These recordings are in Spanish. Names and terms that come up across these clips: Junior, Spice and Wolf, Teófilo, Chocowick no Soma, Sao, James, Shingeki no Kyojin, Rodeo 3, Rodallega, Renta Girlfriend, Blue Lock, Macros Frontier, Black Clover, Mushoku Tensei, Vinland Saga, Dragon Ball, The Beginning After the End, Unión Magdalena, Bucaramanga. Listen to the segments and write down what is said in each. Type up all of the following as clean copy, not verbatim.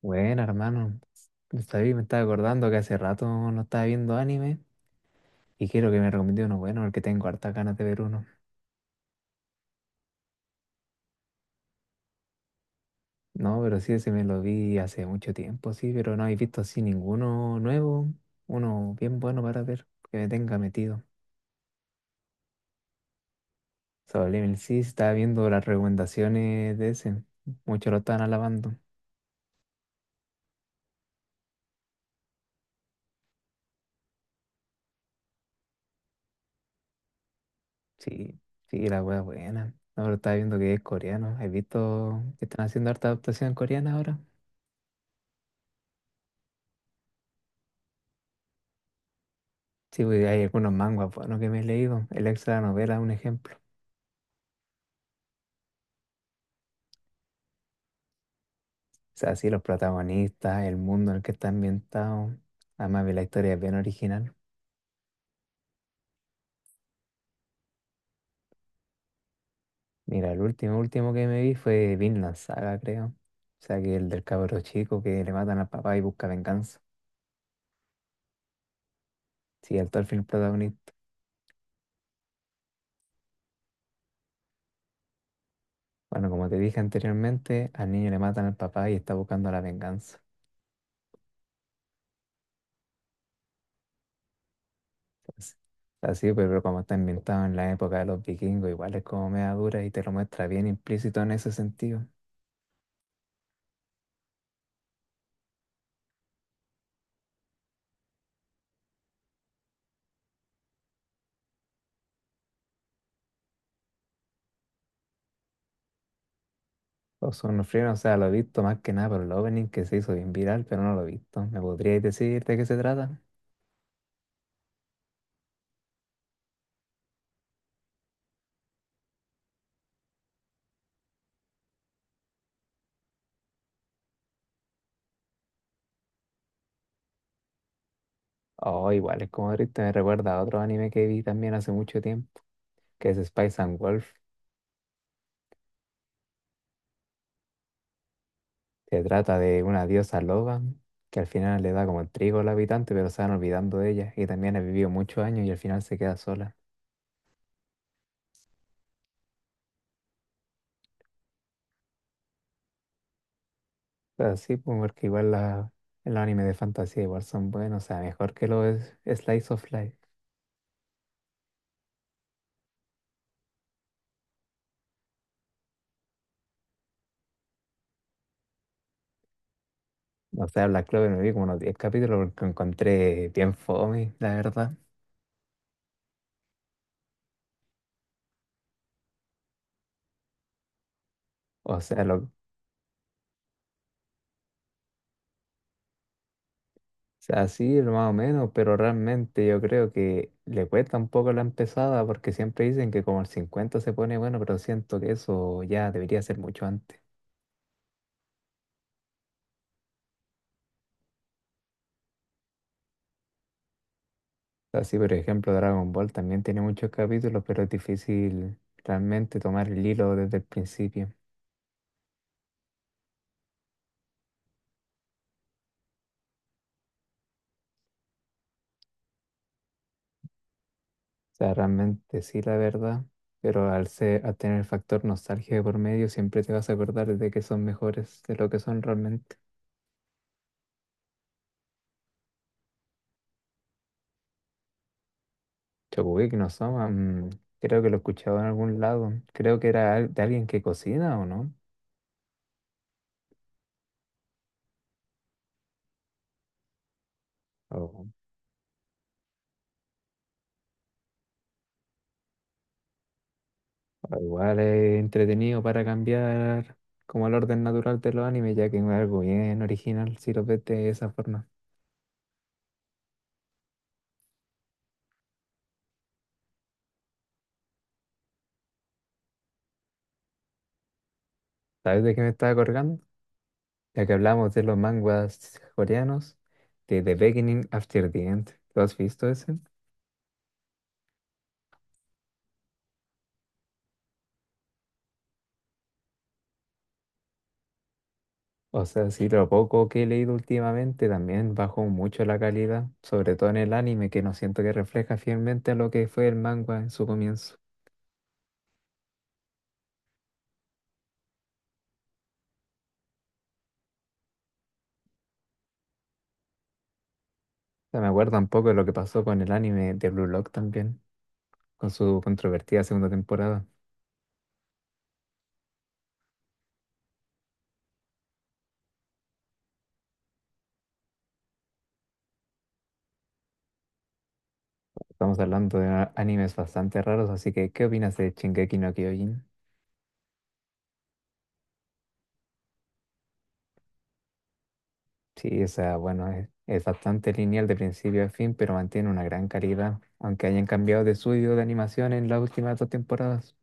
Bueno, hermano, sabí, me estaba acordando que hace rato no estaba viendo anime y quiero que me recomiende uno bueno porque tengo hartas ganas de ver uno. No, pero sí, ese me lo vi hace mucho tiempo, sí, pero no he visto así ninguno nuevo, uno bien bueno para ver, que me tenga metido. Sobre sí, estaba viendo las recomendaciones de ese, muchos lo estaban alabando. Sí, sí, la wea buena. No, pero estaba viendo que es coreano. ¿Has visto que están haciendo harta adaptación coreana ahora? Sí, pues hay algunos manguas buenos que me he leído. El extra de la novela es un ejemplo. O sea, sí, los protagonistas, el mundo en el que está ambientado. Además, vi la historia es bien original. Mira, el último, último que me vi fue Vinland Saga, creo. O sea, que el del cabro chico que le matan al papá y busca venganza. Sí, el tal film protagonista. Bueno, como te dije anteriormente, al niño le matan al papá y está buscando la venganza. Entonces, así, pues, pero como está ambientado en la época de los vikingos, igual es como media dura y te lo muestra bien implícito en ese sentido. Los Free, o sea, lo he visto más que nada por el opening que se hizo bien viral, pero no lo he visto. ¿Me podríais decir de qué se trata? Oh, igual es como triste, me recuerda a otro anime que vi también hace mucho tiempo, que es Spice and Wolf. Se trata de una diosa loba que al final le da como el trigo al habitante, pero se van olvidando de ella. Y también ha vivido muchos años y al final se queda sola. O sea, sí, pues, porque igual los animes de fantasía igual son buenos, o sea, mejor que los Slice of Life. O sea, Black Clover me vi como unos 10 capítulos porque encontré bien fome, la verdad. O sea, sí, lo más o menos, pero realmente yo creo que le cuesta un poco la empezada porque siempre dicen que como el 50 se pone bueno, pero siento que eso ya debería ser mucho antes. Así, por ejemplo, Dragon Ball también tiene muchos capítulos, pero es difícil realmente tomar el hilo desde el principio. Sea, realmente sí, la verdad, pero al ser, al tener el factor nostalgia de por medio, siempre te vas a acordar de que son mejores de lo que son realmente. Chocowick no Soma, creo que lo escuchaba en algún lado. Creo que era al- de alguien que cocina o no. O, o igual es entretenido para cambiar como el orden natural de los animes, ya que es algo bien original si lo ves de esa forma. ¿Sabes de qué me estaba acordando? Ya que hablamos de los manguas coreanos, de The Beginning After the End. ¿Lo has visto ese? O sea, sí, lo poco que he leído últimamente también bajó mucho la calidad, sobre todo en el anime, que no siento que refleja fielmente a lo que fue el manga en su comienzo. O sea, me acuerdo un poco de lo que pasó con el anime de Blue Lock también, con su controvertida segunda temporada. Estamos hablando de animes bastante raros, así que ¿qué opinas de Shingeki no Kyojin? Sí, o sea, bueno, es bastante lineal de principio a fin, pero mantiene una gran calidad, aunque hayan cambiado de estudio de animación en las últimas dos temporadas.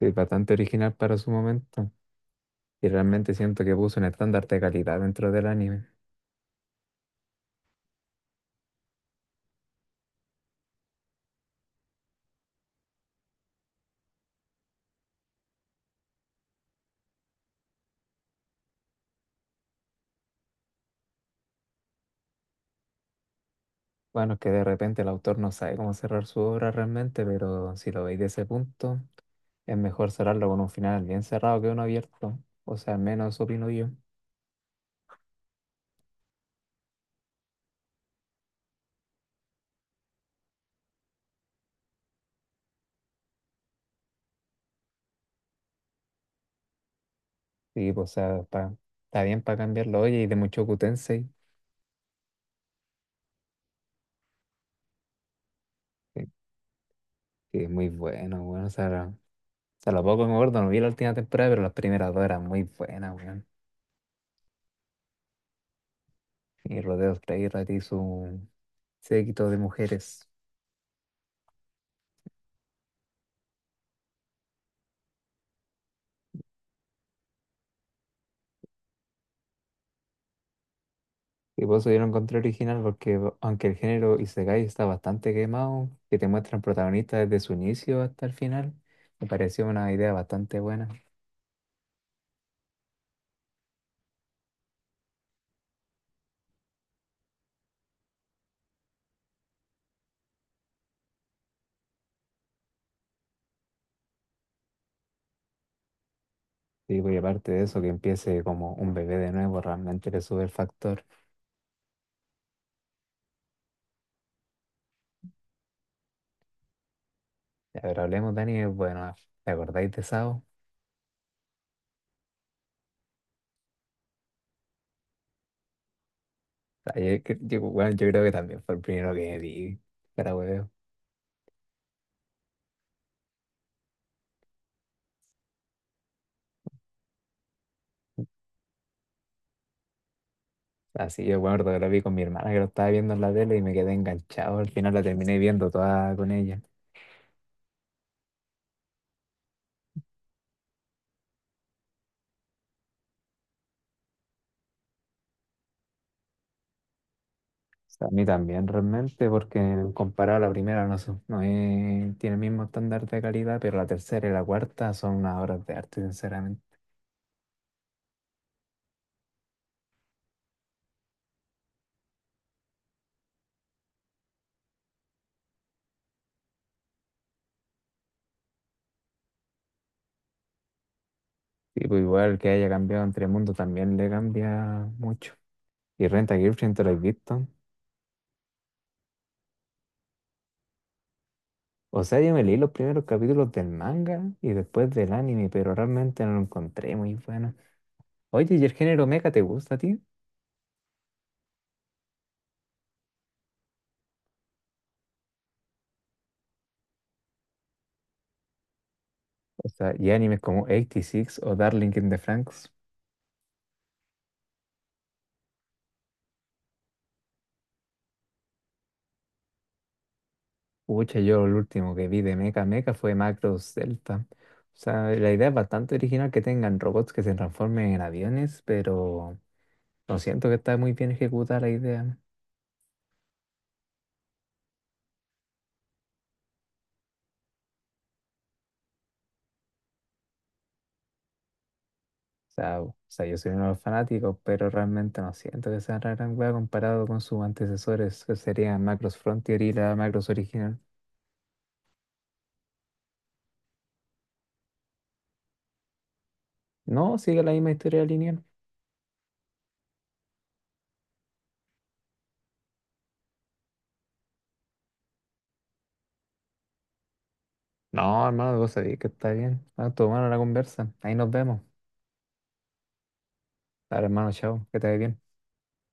Es bastante original para su momento. Y realmente siento que puso un estándar de calidad dentro del anime. Bueno, es que de repente el autor no sabe cómo cerrar su obra realmente, pero si lo veis de ese punto, es mejor cerrarlo con un final bien cerrado que uno abierto. O sea, al menos opino yo. Sí, pues, está bien para cambiarlo. Oye, y de Mushoku Tensei, que, que es muy bueno, bueno. O sea, lo poco que me acuerdo, no vi la última temporada, pero las primeras dos eran muy buenas, weón. Y Rodeo 3 y su séquito de mujeres. Y por eso yo lo encontré original, porque aunque el género Isekai está bastante quemado, que te muestran protagonistas desde su inicio hasta el final, me pareció una idea bastante buena. Digo y aparte de eso, que empiece como un bebé de nuevo, realmente le sube el factor. Y a ver, hablemos, Dani, bueno, ¿te acordáis de Sao? Ah, bueno, yo creo que también fue el primero que vi, para hueveo. Así yo me acuerdo que lo vi con mi hermana que lo estaba viendo en la tele y me quedé enganchado. Al final la terminé viendo toda con ella. Pues, a mí también realmente, porque comparado a la primera no, tiene el mismo estándar de calidad, pero la tercera y la cuarta son unas obras de arte, sinceramente. Sí, pues igual que haya cambiado entre mundo también le cambia mucho. Y Renta Girlfriend, ¿te lo has visto? O sea, yo me leí los primeros capítulos del manga y después del anime, pero realmente no lo encontré muy bueno. Oye, ¿y el género mecha te gusta a ti? O sea, ¿y animes como 86 o Darling in the Franxx? Pucha, yo lo último que vi de Mecha Mecha fue Macros Delta. O sea, la idea es bastante original que tengan robots que se transformen en aviones, pero no siento que está muy bien ejecutada la idea. O sea, yo soy uno de los fanáticos, pero realmente no siento que sea una gran wea comparado con sus antecesores, que serían Macros Frontier y la Macros original. No, sigue la misma historia lineal. No, hermano, vos sabés que está bien. Ah, tomaron la conversa. Ahí nos vemos. Dale, hermano, chao, que te vaya bien.